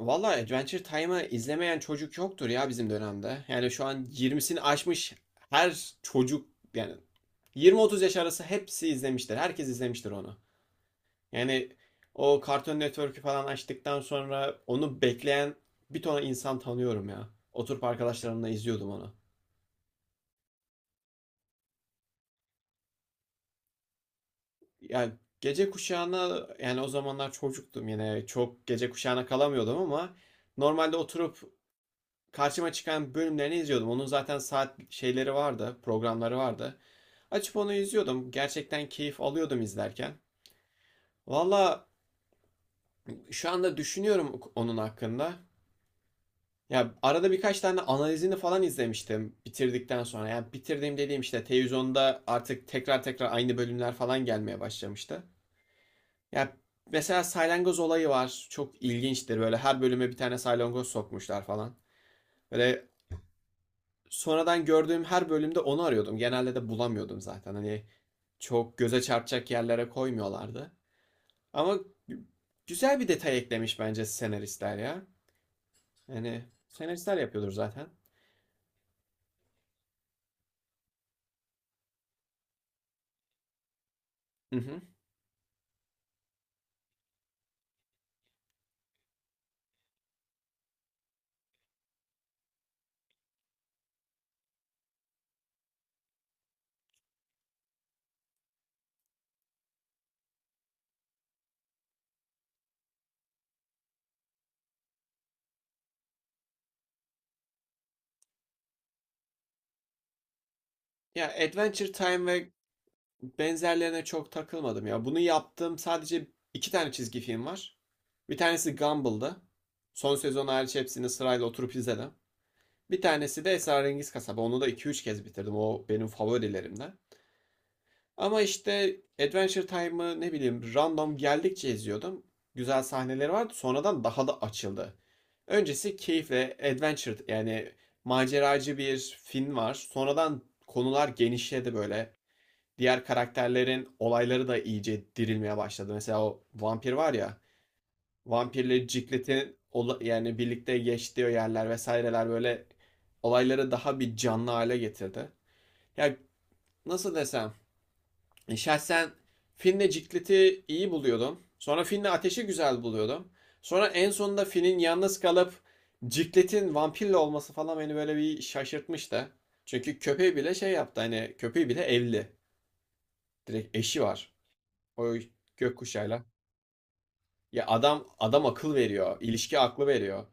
Valla Adventure Time'ı izlemeyen çocuk yoktur ya bizim dönemde. Yani şu an 20'sini aşmış her çocuk, yani 20-30 yaş arası hepsi izlemiştir. Herkes izlemiştir onu. Yani o Cartoon Network'ü falan açtıktan sonra onu bekleyen bir ton insan tanıyorum ya. Oturup arkadaşlarımla izliyordum onu. Yani gece kuşağına, yani o zamanlar çocuktum, yine çok gece kuşağına kalamıyordum ama normalde oturup karşıma çıkan bölümlerini izliyordum. Onun zaten saat şeyleri vardı, programları vardı. Açıp onu izliyordum. Gerçekten keyif alıyordum izlerken. Valla şu anda düşünüyorum onun hakkında. Ya arada birkaç tane analizini falan izlemiştim bitirdikten sonra. Yani bitirdiğim dediğim işte televizyonda artık tekrar tekrar aynı bölümler falan gelmeye başlamıştı. Ya mesela salyangoz olayı var. Çok ilginçtir. Böyle her bölüme bir tane salyangoz sokmuşlar falan. Böyle sonradan gördüğüm her bölümde onu arıyordum. Genelde de bulamıyordum zaten. Hani çok göze çarpacak yerlere koymuyorlardı. Ama güzel bir detay eklemiş bence senaristler ya. Yani senaristler yapıyordur zaten. Hı hı. Ya Adventure Time ve benzerlerine çok takılmadım ya. Bunu yaptığım sadece iki tane çizgi film var. Bir tanesi Gumball'dı. Son sezon hariç hepsini sırayla oturup izledim. Bir tanesi de Esrarengiz Kasaba. Onu da iki üç kez bitirdim. O benim favorilerimden. Ama işte Adventure Time'ı ne bileyim random geldikçe izliyordum. Güzel sahneleri vardı. Sonradan daha da açıldı. Öncesi keyifle adventure, yani maceracı bir film var. Sonradan konular genişledi böyle. Diğer karakterlerin olayları da iyice dirilmeye başladı. Mesela o vampir var ya. Vampirle Ciclet'in, yani birlikte geçtiği yerler vesaireler, böyle olayları daha bir canlı hale getirdi. Ya, nasıl desem, şahsen Finn'le Ciklet'i iyi buluyordum. Sonra Finn'le Ateş'i güzel buluyordum. Sonra en sonunda Finn'in yalnız kalıp Ciklet'in vampirle olması falan beni böyle bir şaşırtmıştı. Çünkü köpeği bile şey yaptı, hani köpeği bile evli. Direkt eşi var. O gökkuşağıyla. Ya adam akıl veriyor. İlişki aklı veriyor.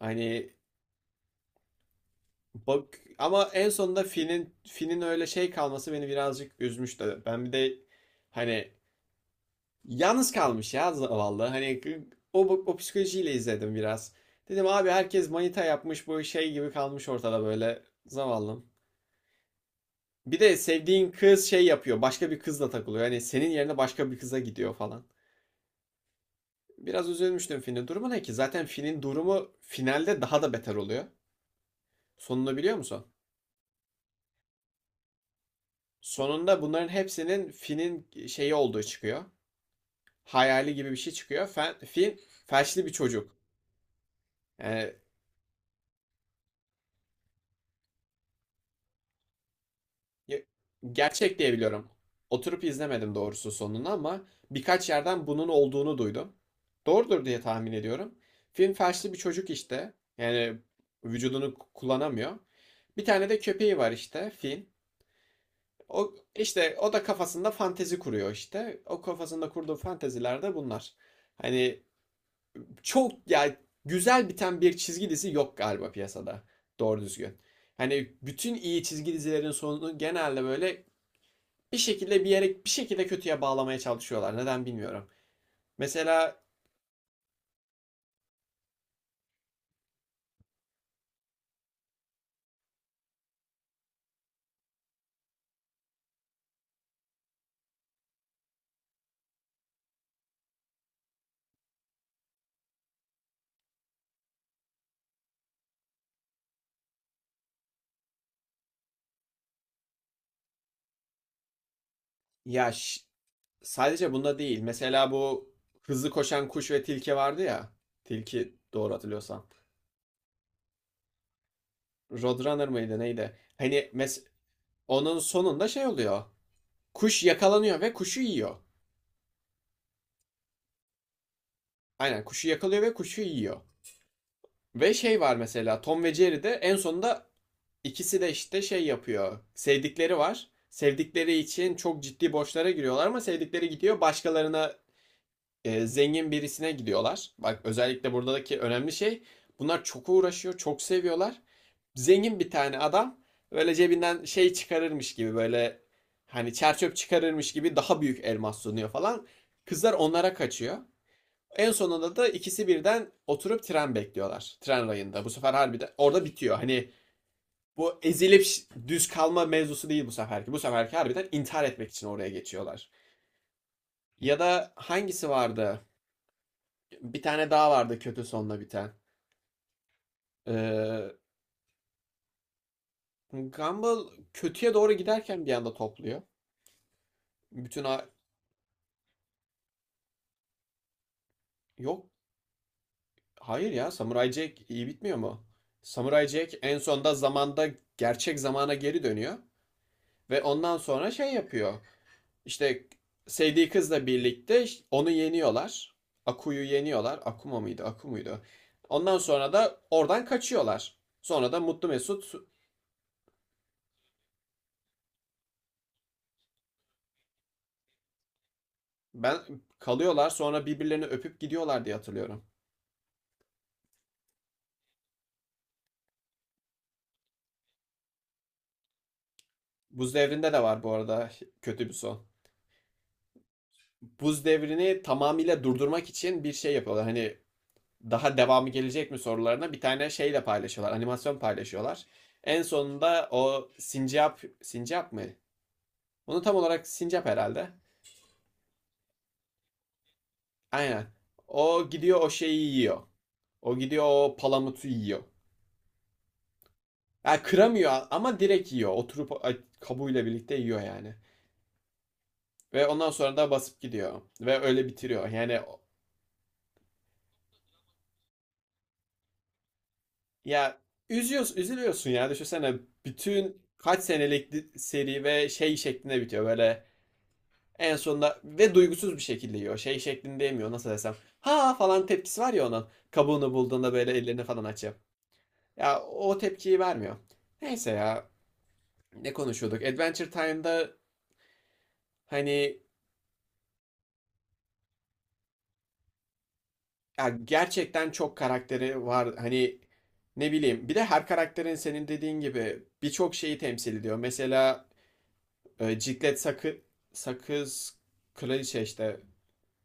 Hani bak ama en sonunda Finn'in öyle şey kalması beni birazcık üzmüştü. Ben bir de, hani, yalnız kalmış ya zavallı. Hani o psikolojiyle izledim biraz. Dedim abi, herkes manita yapmış, bu şey gibi kalmış ortada böyle zavallım. Bir de sevdiğin kız şey yapıyor. Başka bir kızla takılıyor. Hani senin yerine başka bir kıza gidiyor falan. Biraz üzülmüştüm, Finn'in durumu ne ki? Zaten Finn'in durumu finalde daha da beter oluyor. Sonunu biliyor musun? Sonunda bunların hepsinin Finn'in şeyi olduğu çıkıyor. Hayali gibi bir şey çıkıyor. Finn felçli bir çocuk. Yani. Ya- Gerçek diye biliyorum. Oturup izlemedim doğrusu sonunu ama birkaç yerden bunun olduğunu duydum. Doğrudur diye tahmin ediyorum. Film felçli bir çocuk işte. Yani vücudunu kullanamıyor. Bir tane de köpeği var işte Finn. O işte, o da kafasında fantezi kuruyor işte. O kafasında kurduğu fanteziler de bunlar. Hani çok, ya, güzel biten bir çizgi dizi yok galiba piyasada. Doğru düzgün. Hani bütün iyi çizgi dizilerin sonu genelde böyle bir şekilde bir yere, bir şekilde kötüye bağlamaya çalışıyorlar. Neden bilmiyorum. Mesela, ya, sadece bunda değil. Mesela bu hızlı koşan kuş ve tilki vardı ya. Tilki doğru hatırlıyorsam. Roadrunner mıydı neydi? Hani onun sonunda şey oluyor. Kuş yakalanıyor ve kuşu yiyor. Aynen kuşu yakalıyor ve kuşu yiyor. Ve şey var, mesela Tom ve Jerry'de en sonunda ikisi de işte şey yapıyor. Sevdikleri var. Sevdikleri için çok ciddi borçlara giriyorlar ama sevdikleri gidiyor başkalarına, zengin birisine gidiyorlar. Bak özellikle buradaki önemli şey, bunlar çok uğraşıyor, çok seviyorlar. Zengin bir tane adam böyle cebinden şey çıkarırmış gibi, böyle hani çerçöp çıkarırmış gibi, daha büyük elmas sunuyor falan. Kızlar onlara kaçıyor. En sonunda da ikisi birden oturup tren bekliyorlar. Tren rayında. Bu sefer harbiden orada bitiyor. Hani bu ezilip düz kalma mevzusu değil bu seferki. Bu seferki harbiden intihar etmek için oraya geçiyorlar. Ya da hangisi vardı? Bir tane daha vardı kötü sonla biten. Ee, Gumball kötüye doğru giderken bir anda topluyor. Bütün a- Yok, hayır ya, Samurai Jack iyi bitmiyor mu? Samurai Jack en sonunda zamanda gerçek zamana geri dönüyor ve ondan sonra şey yapıyor. İşte sevdiği kızla birlikte onu yeniyorlar. Aku'yu yeniyorlar. Akuma mıydı? Aku muydu? Ondan sonra da oradan kaçıyorlar. Sonra da Mutlu Mesut ben kalıyorlar, sonra birbirlerini öpüp gidiyorlar diye hatırlıyorum. Buz Devri'nde de var bu arada kötü bir son. Buz Devri'ni tamamıyla durdurmak için bir şey yapıyorlar. Hani daha devamı gelecek mi sorularına bir tane şeyle paylaşıyorlar. Animasyon paylaşıyorlar. En sonunda o sincap, sincap mı? Bunu tam olarak sincap herhalde. Aynen. O gidiyor o şeyi yiyor. O gidiyor o palamutu yiyor. Yani kıramıyor ama direkt yiyor. Oturup kabuğuyla birlikte yiyor yani. Ve ondan sonra da basıp gidiyor. Ve öyle bitiriyor. Yani. Ya üzüyorsun, üzülüyorsun ya. Düşünsene bütün kaç senelik seri ve şey şeklinde bitiyor, böyle en sonunda, ve duygusuz bir şekilde yiyor. Şey şeklinde yemiyor, nasıl desem. Ha falan tepkisi var ya onun. Kabuğunu bulduğunda böyle ellerini falan açıyor. Ya o tepkiyi vermiyor. Neyse, ya, ne konuşuyorduk? Adventure Time'da, hani, ya, gerçekten çok karakteri var. Hani ne bileyim, bir de her karakterin senin dediğin gibi birçok şeyi temsil ediyor. Mesela Ciklet sakız kraliçe işte.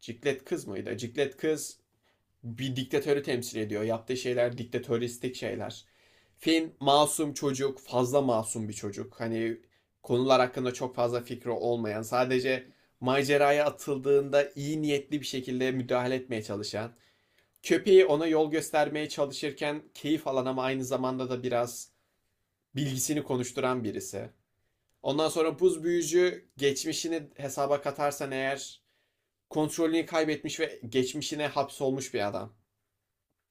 Ciklet kız mıydı? Ciklet kız bir diktatörü temsil ediyor. Yaptığı şeyler diktatöristik şeyler. Finn masum çocuk, fazla masum bir çocuk. Hani konular hakkında çok fazla fikri olmayan, sadece maceraya atıldığında iyi niyetli bir şekilde müdahale etmeye çalışan, köpeği ona yol göstermeye çalışırken keyif alan ama aynı zamanda da biraz bilgisini konuşturan birisi. Ondan sonra buz büyücü geçmişini hesaba katarsan eğer, kontrolünü kaybetmiş ve geçmişine hapsolmuş bir adam.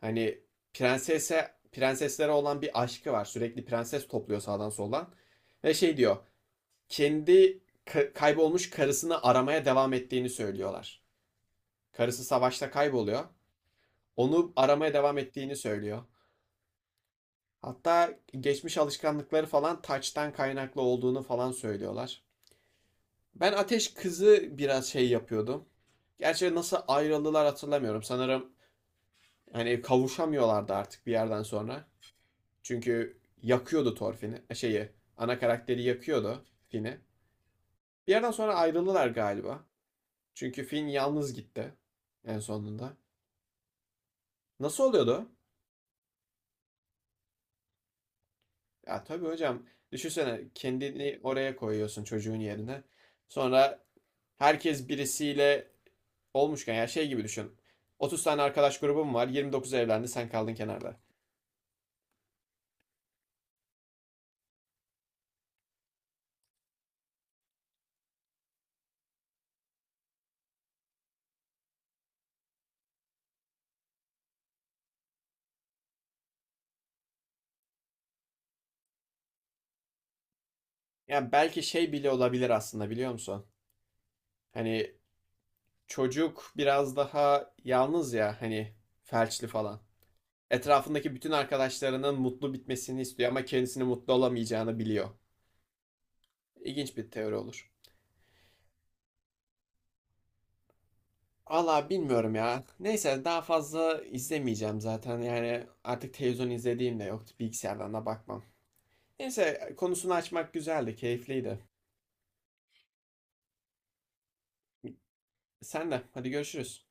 Hani prenseslere olan bir aşkı var. Sürekli prenses topluyor sağdan soldan. Ve şey diyor. Kendi kaybolmuş karısını aramaya devam ettiğini söylüyorlar. Karısı savaşta kayboluyor. Onu aramaya devam ettiğini söylüyor. Hatta geçmiş alışkanlıkları falan taçtan kaynaklı olduğunu falan söylüyorlar. Ben Ateş Kızı biraz şey yapıyordum. Gerçi nasıl ayrıldılar hatırlamıyorum. Sanırım hani kavuşamıyorlardı artık bir yerden sonra. Çünkü yakıyordu Thorfinn'i. Ana karakteri yakıyordu Finn'i. Bir yerden sonra ayrıldılar galiba. Çünkü Finn yalnız gitti en sonunda. Nasıl oluyordu? Ya tabii hocam, düşünsene, kendini oraya koyuyorsun çocuğun yerine. Sonra herkes birisiyle olmuşken ya, şey gibi düşün. 30 tane arkadaş grubum var. 29 evlendi, sen kaldın kenarda. Ya belki şey bile olabilir aslında, biliyor musun? Hani çocuk biraz daha yalnız ya, hani, felçli falan. Etrafındaki bütün arkadaşlarının mutlu bitmesini istiyor ama kendisini mutlu olamayacağını biliyor. İlginç bir teori olur. Valla bilmiyorum ya. Neyse, daha fazla izlemeyeceğim zaten. Yani artık televizyon izlediğim de yoktu. Bilgisayardan da bakmam. Neyse, konusunu açmak güzeldi, keyifliydi. Sen de hadi, görüşürüz.